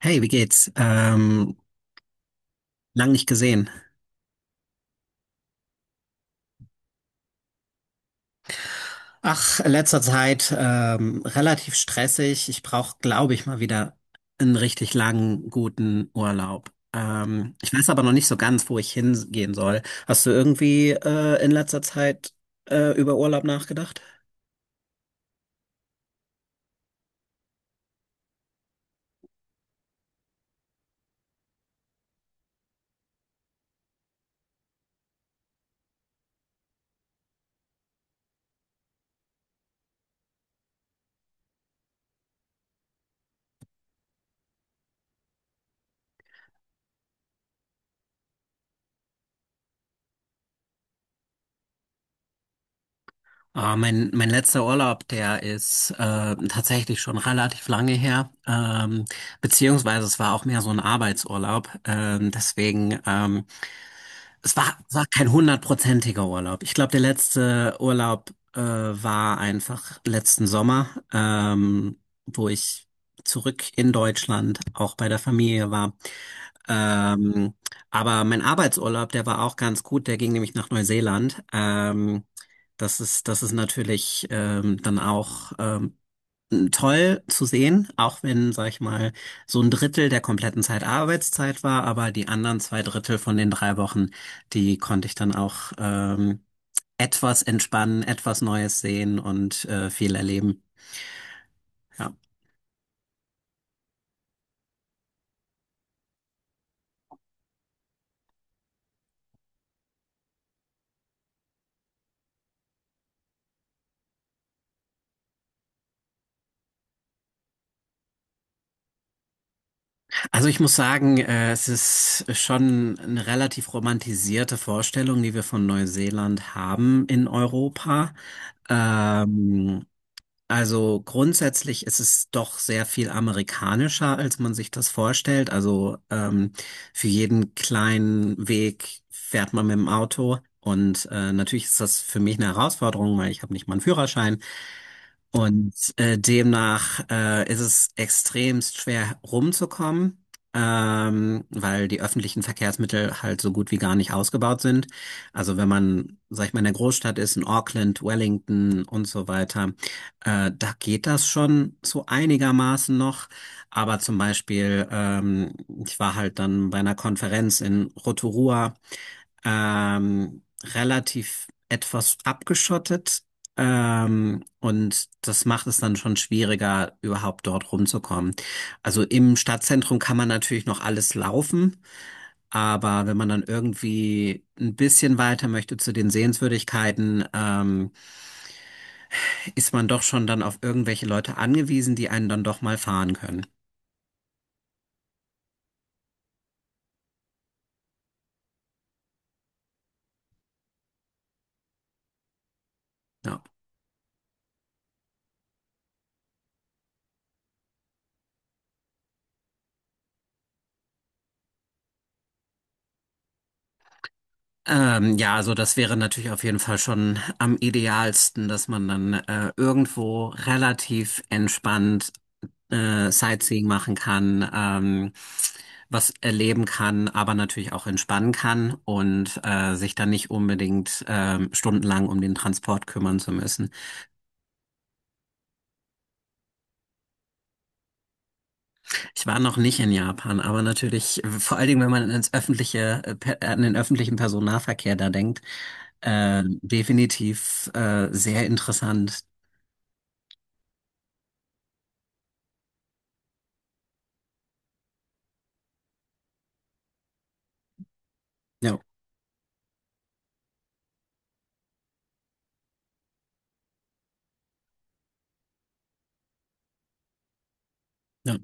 Hey, wie geht's? Lang nicht gesehen. Ach, in letzter Zeit relativ stressig. Ich brauche, glaube ich, mal wieder einen richtig langen, guten Urlaub. Ich weiß aber noch nicht so ganz, wo ich hingehen soll. Hast du irgendwie in letzter Zeit über Urlaub nachgedacht? Ah, mein letzter Urlaub, der ist tatsächlich schon relativ lange her. Beziehungsweise es war auch mehr so ein Arbeitsurlaub. Deswegen. Es war kein hundertprozentiger Urlaub. Ich glaube, der letzte Urlaub war einfach letzten Sommer, wo ich zurück in Deutschland auch bei der Familie war. Ähm, aber mein Arbeitsurlaub, der war auch ganz gut. Der ging nämlich nach Neuseeland. Das ist natürlich dann auch toll zu sehen, auch wenn, sag ich mal, so ein Drittel der kompletten Zeit Arbeitszeit war, aber die anderen zwei Drittel von den drei Wochen, die konnte ich dann auch etwas entspannen, etwas Neues sehen und viel erleben. Ja. Also ich muss sagen, es ist schon eine relativ romantisierte Vorstellung, die wir von Neuseeland haben in Europa. Ähm, Also grundsätzlich ist es doch sehr viel amerikanischer, als man sich das vorstellt. Also für jeden kleinen Weg fährt man mit dem Auto. Und natürlich ist das für mich eine Herausforderung, weil ich habe nicht mal einen Führerschein. Und demnach ist es extremst schwer rumzukommen, weil die öffentlichen Verkehrsmittel halt so gut wie gar nicht ausgebaut sind. Also wenn man, sag ich mal, in der Großstadt ist, in Auckland, Wellington und so weiter, da geht das schon so einigermaßen noch. Aber zum Beispiel, ich war halt dann bei einer Konferenz in Rotorua relativ etwas abgeschottet. Und das macht es dann schon schwieriger, überhaupt dort rumzukommen. Also im Stadtzentrum kann man natürlich noch alles laufen, aber wenn man dann irgendwie ein bisschen weiter möchte zu den Sehenswürdigkeiten, ist man doch schon dann auf irgendwelche Leute angewiesen, die einen dann doch mal fahren können. Ja. Ja, also das wäre natürlich auf jeden Fall schon am idealsten, dass man dann irgendwo relativ entspannt Sightseeing machen kann, was erleben kann, aber natürlich auch entspannen kann und sich dann nicht unbedingt stundenlang um den Transport kümmern zu müssen. Ich war noch nicht in Japan, aber natürlich, vor allen Dingen, wenn man ins an den öffentlichen Personennahverkehr da denkt, definitiv sehr interessant. Ja. Ja.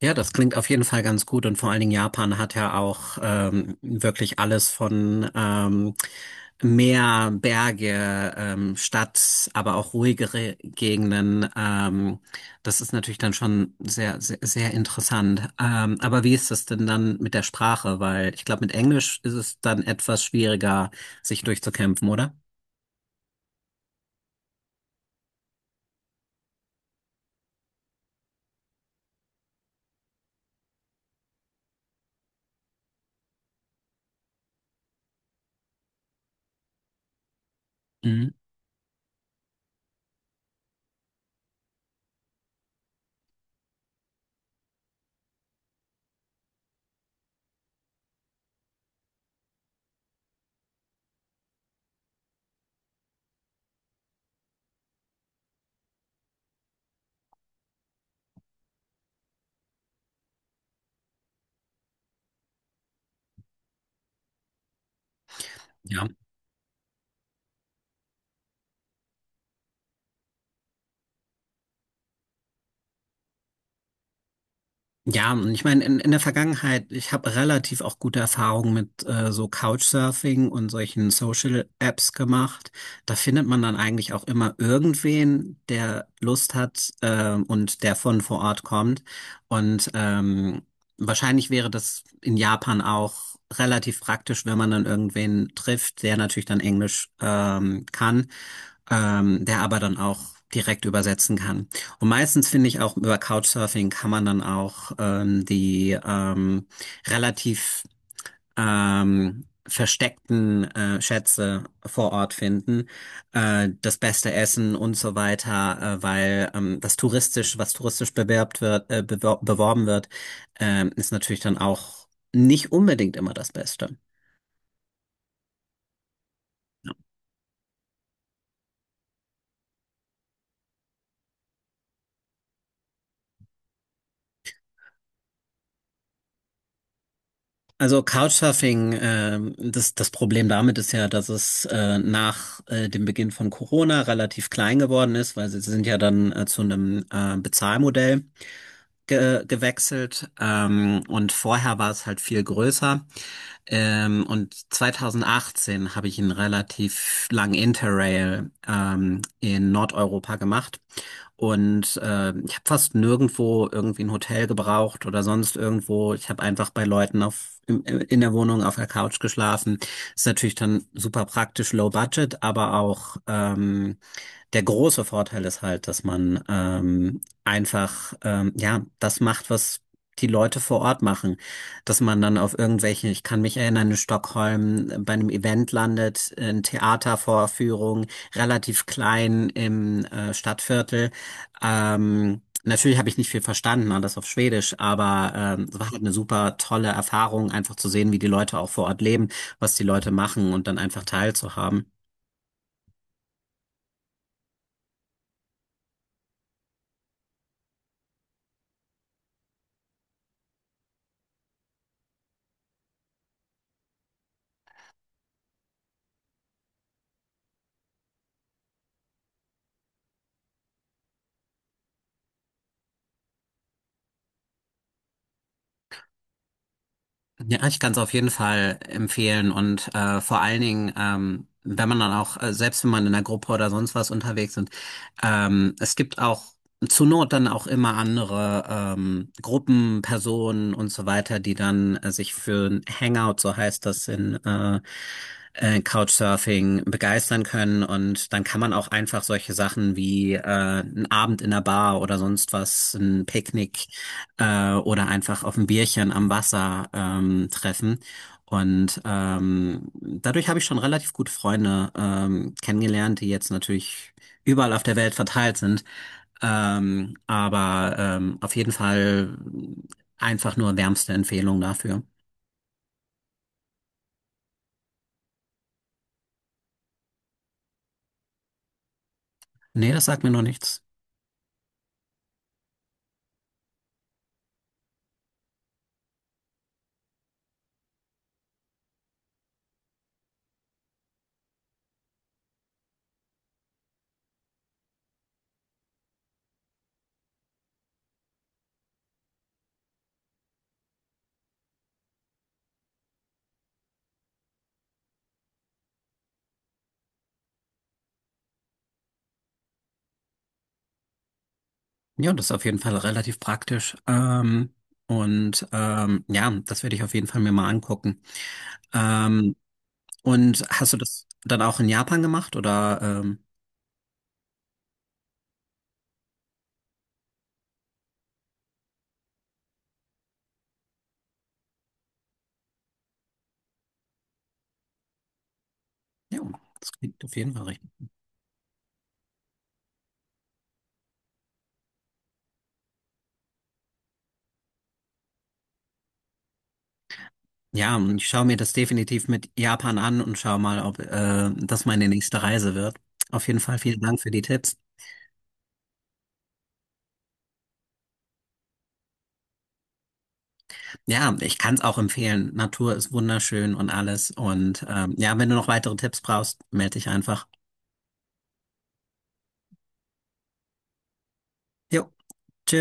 Ja, das klingt auf jeden Fall ganz gut und vor allen Dingen Japan hat ja auch wirklich alles von Meer, Berge, Stadt, aber auch ruhigere Gegenden. Das ist natürlich dann schon sehr interessant. Aber wie ist das denn dann mit der Sprache? Weil ich glaube, mit Englisch ist es dann etwas schwieriger, sich durchzukämpfen, oder? Mhm. Ja. Ja, und ich meine, in der Vergangenheit, ich habe relativ auch gute Erfahrungen mit so Couchsurfing und solchen Social-Apps gemacht. Da findet man dann eigentlich auch immer irgendwen, der Lust hat und der von vor Ort kommt. Und wahrscheinlich wäre das in Japan auch relativ praktisch, wenn man dann irgendwen trifft, der natürlich dann Englisch kann, der aber dann auch direkt übersetzen kann. Und meistens finde ich auch über Couchsurfing kann man dann auch die relativ versteckten Schätze vor Ort finden, das beste Essen und so weiter, weil das touristisch, was touristisch bewerbt wird, beworben wird, ist natürlich dann auch nicht unbedingt immer das Beste. Also Couchsurfing, das Problem damit ist ja, dass es nach dem Beginn von Corona relativ klein geworden ist, weil sie sind ja dann zu einem Bezahlmodell ge gewechselt und vorher war es halt viel größer. Und 2018 habe ich einen relativ langen Interrail in Nordeuropa gemacht. Und ich habe fast nirgendwo irgendwie ein Hotel gebraucht oder sonst irgendwo. Ich habe einfach bei Leuten in der Wohnung auf der Couch geschlafen. Ist natürlich dann super praktisch, low budget, aber auch der große Vorteil ist halt, dass man einfach ja das macht, was die Leute vor Ort machen. Dass man dann auf irgendwelchen, ich kann mich erinnern, in Stockholm bei einem Event landet, eine Theatervorführung, relativ klein im Stadtviertel. Natürlich habe ich nicht viel verstanden, alles auf Schwedisch, aber es war halt eine super tolle Erfahrung, einfach zu sehen, wie die Leute auch vor Ort leben, was die Leute machen und dann einfach teilzuhaben. Ja, ich kann es auf jeden Fall empfehlen und vor allen Dingen, wenn man dann auch, selbst wenn man in einer Gruppe oder sonst was unterwegs ist, es gibt auch zur Not dann auch immer andere Gruppen, Personen und so weiter, die dann sich für ein Hangout, so heißt das in Couchsurfing, begeistern können und dann kann man auch einfach solche Sachen wie ein Abend in der Bar oder sonst was, ein Picknick oder einfach auf ein Bierchen am Wasser treffen. Und dadurch habe ich schon relativ gute Freunde kennengelernt, die jetzt natürlich überall auf der Welt verteilt sind. Aber auf jeden Fall einfach nur wärmste Empfehlung dafür. Nee, das sagt mir noch nichts. Ja, das ist auf jeden Fall relativ praktisch. Und ja, das werde ich auf jeden Fall mir mal angucken. Ähm, und hast du das dann auch in Japan gemacht oder? Ja, das klingt auf jeden Fall richtig. Ja, und ich schaue mir das definitiv mit Japan an und schaue mal, ob das meine nächste Reise wird. Auf jeden Fall vielen Dank für die Tipps. Ja, ich kann es auch empfehlen. Natur ist wunderschön und alles. Und ja, wenn du noch weitere Tipps brauchst, melde dich einfach. Jo, tschö.